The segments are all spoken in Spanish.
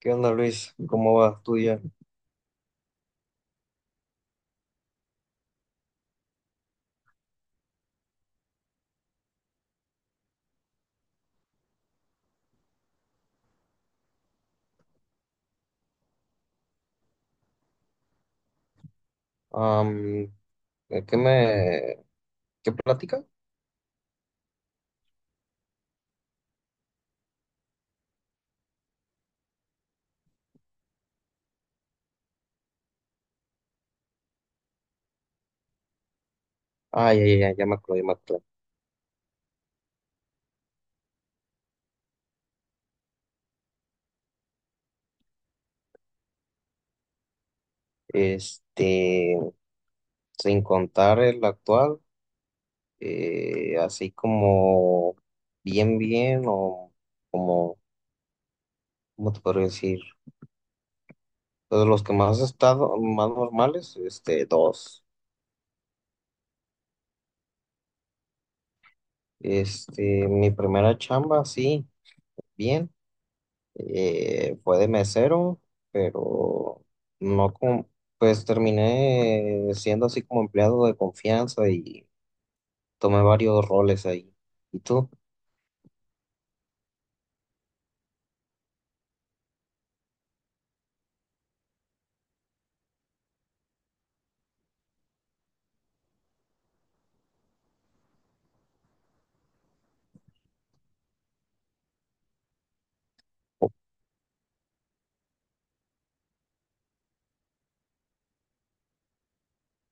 ¿Qué onda, Luis? ¿Cómo va tu día? Am, ¿de ¿qué me, qué plática? Ah, ya, me acuerdo, ya me acuerdo. Este, Sin contar el actual, así como bien, bien, como, ¿cómo te podría decir? Pues, de los que más he estado, más normales, dos. Mi primera chamba, sí, bien. Fue de mesero, pero no con, pues terminé siendo así como empleado de confianza y tomé varios roles ahí. ¿Y tú?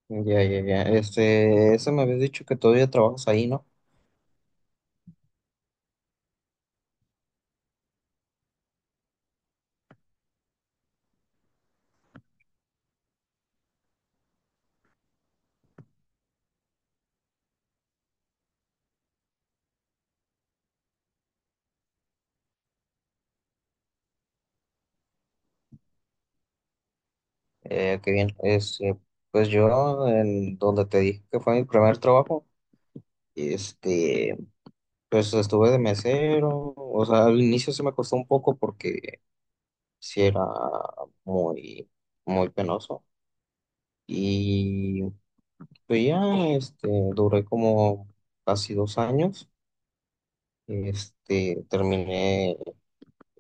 Ya, ya, ya. Ese me habías dicho que todavía trabajas ahí, ¿no? Qué bien. Pues yo, en donde te dije que fue mi primer trabajo, este, pues estuve de mesero. O sea, al inicio se me costó un poco porque sí era muy, muy penoso. Y pues ya, este, duré como casi dos años. Terminé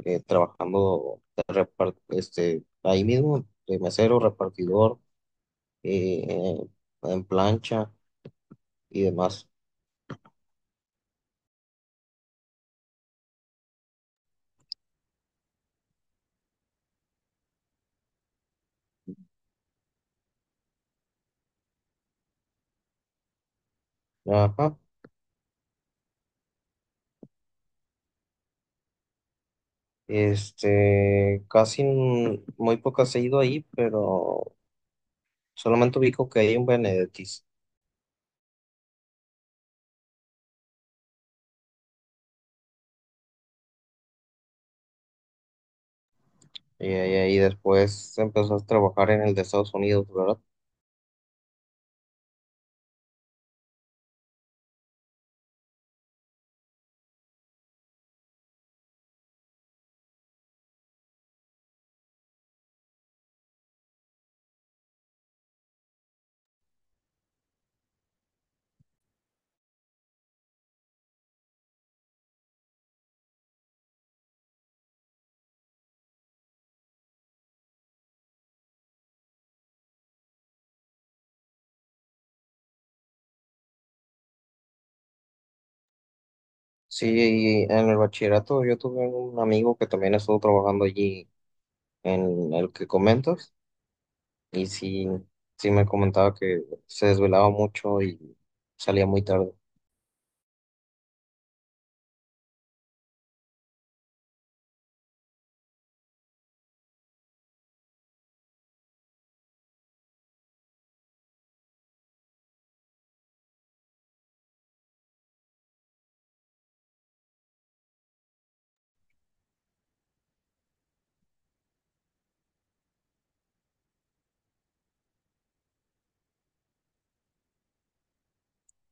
trabajando de ahí mismo, de mesero, repartidor, eh, en plancha y demás. Ajá. Muy pocas he ido ahí, pero solamente ubico que hay un Benedictis. Y ahí después empezó a trabajar en el de Estados Unidos, ¿verdad? Sí, y en el bachillerato yo tuve un amigo que también estuvo trabajando allí en el que comentas y sí, sí me comentaba que se desvelaba mucho y salía muy tarde.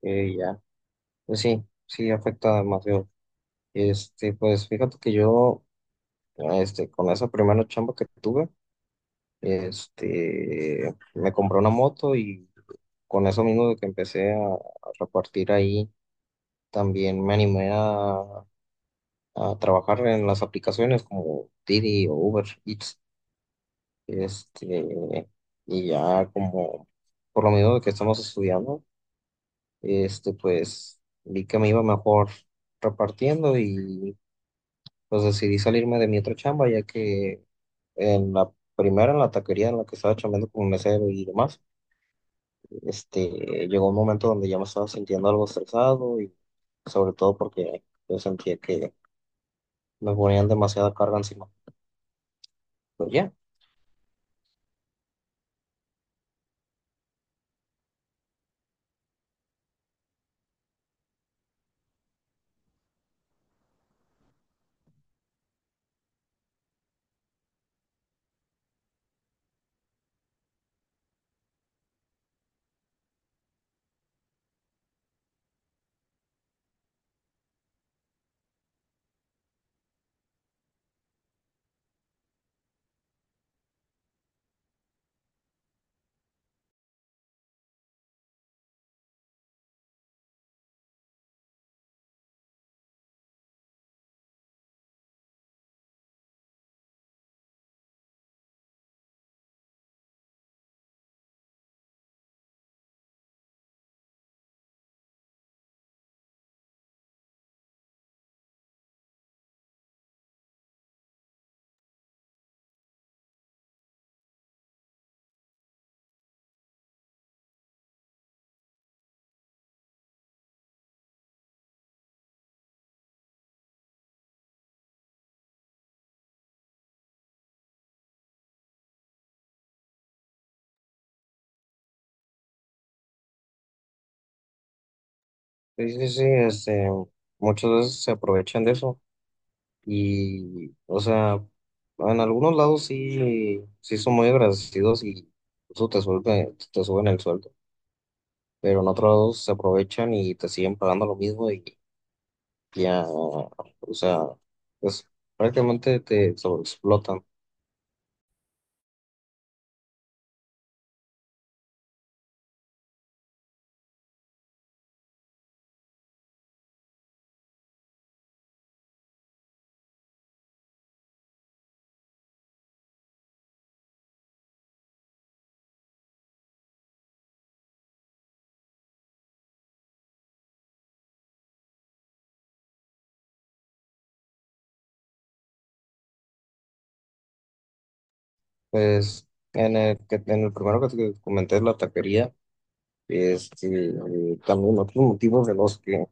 Y ya, pues sí, sí afecta demasiado. Pues fíjate que yo, con esa primera chamba que tuve, me compré una moto y con eso mismo de que empecé a repartir ahí, también me animé a trabajar en las aplicaciones como Didi o Uber Eats, este, y ya como por lo mismo de que estamos estudiando, pues vi que me iba mejor repartiendo y pues decidí salirme de mi otra chamba, ya que en la primera, en la taquería en la que estaba chambeando como mesero y demás, este, llegó un momento donde ya me estaba sintiendo algo estresado y sobre todo porque yo sentía que me ponían demasiada carga encima. Pues ya. Sí, sí, sí, muchas veces se aprovechan de eso y, o sea, en algunos lados sí, sí son muy agradecidos y eso te suelta- te suben el sueldo, pero en otros lados se aprovechan y te siguen pagando lo mismo y ya, o sea, pues prácticamente te sobreexplotan. Pues en en el primero que te comenté, la taquería, este, también otros motivos de los que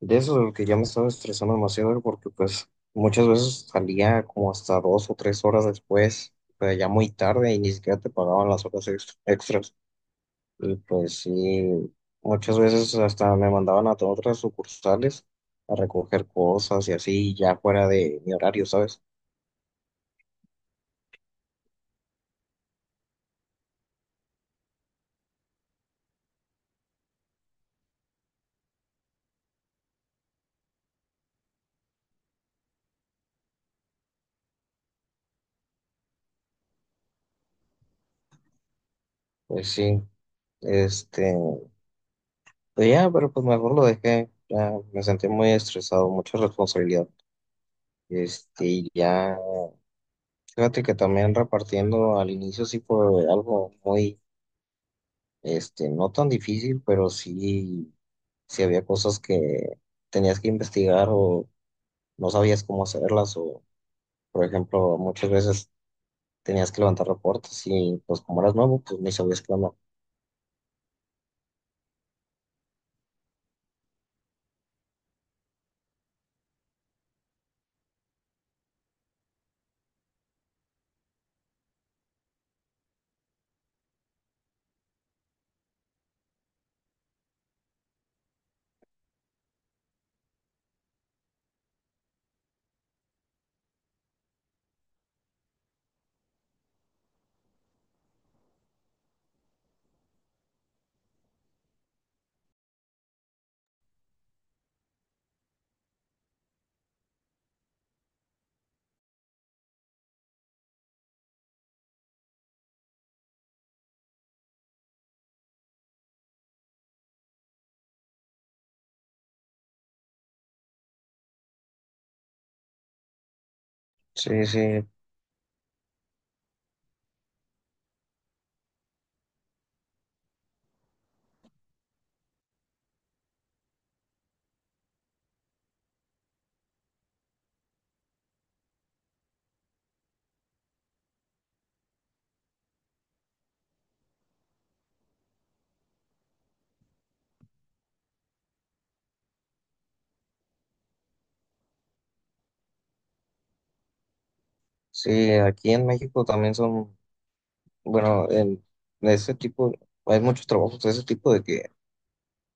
de eso, de que ya me estaba estresando demasiado porque pues muchas veces salía como hasta dos o tres horas después, pues ya muy tarde y ni siquiera te pagaban las horas extras. Y pues sí, muchas veces hasta me mandaban a otras sucursales a recoger cosas y así ya fuera de mi horario, ¿sabes? Pues sí, este, pues ya, pero pues mejor lo dejé, ya me sentí muy estresado, mucha responsabilidad. Y ya. Fíjate que también repartiendo al inicio sí fue algo muy, no tan difícil, pero sí, sí había cosas que tenías que investigar o no sabías cómo hacerlas o, por ejemplo, muchas veces tenías que levantar reportes y pues como eras nuevo, pues ni sabías cómo. Sí, sí, sí, aquí en México también son, bueno, en ese tipo, hay muchos trabajos de ese tipo de que,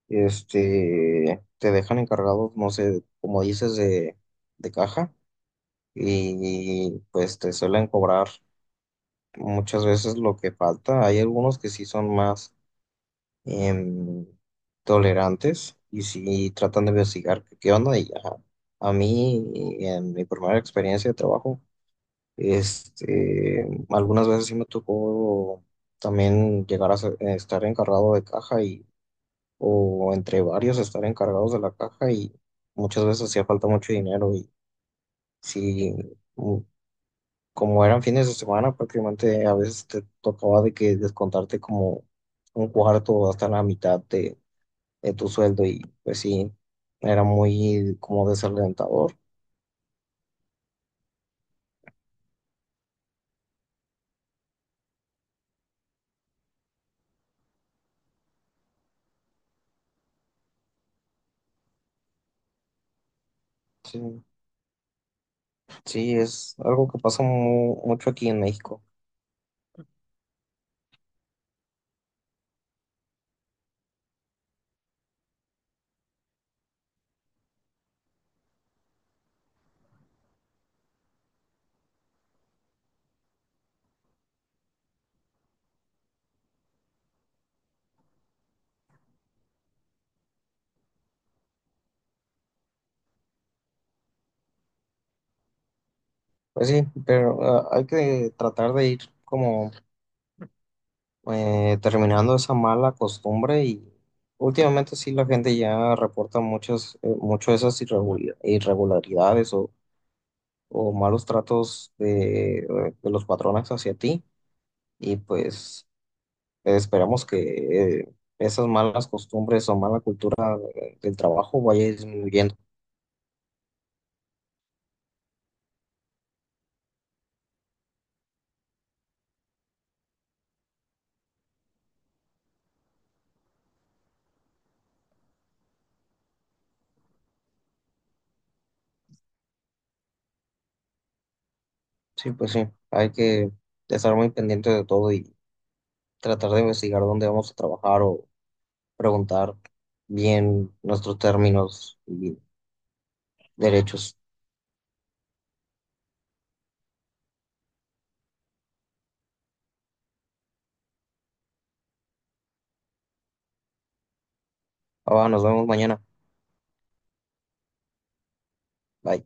te dejan encargados, no sé, como dices, de caja y pues te suelen cobrar muchas veces lo que falta. Hay algunos que sí son más em, tolerantes y sí tratan de investigar qué onda y ya. A mí, en mi primera experiencia de trabajo, algunas veces sí me tocó también estar encargado de caja y, o entre varios estar encargados de la caja y muchas veces hacía falta mucho dinero y sí, mm, como eran fines de semana, prácticamente a veces te tocaba de que descontarte como un cuarto hasta la mitad de tu sueldo y pues sí, era muy como desalentador. Sí, sí, es algo que pasa mucho aquí en México. Pues sí, pero ah, hay que tratar de ir como terminando esa mala costumbre y últimamente sí la gente ya reporta muchas, mucho esas irregularidades o malos tratos de los patrones hacia ti y pues esperamos que esas malas costumbres o mala cultura, del trabajo vaya disminuyendo. Sí, pues sí, hay que estar muy pendiente de todo y tratar de investigar dónde vamos a trabajar o preguntar bien nuestros términos y derechos. Ah, va, nos vemos mañana. Bye.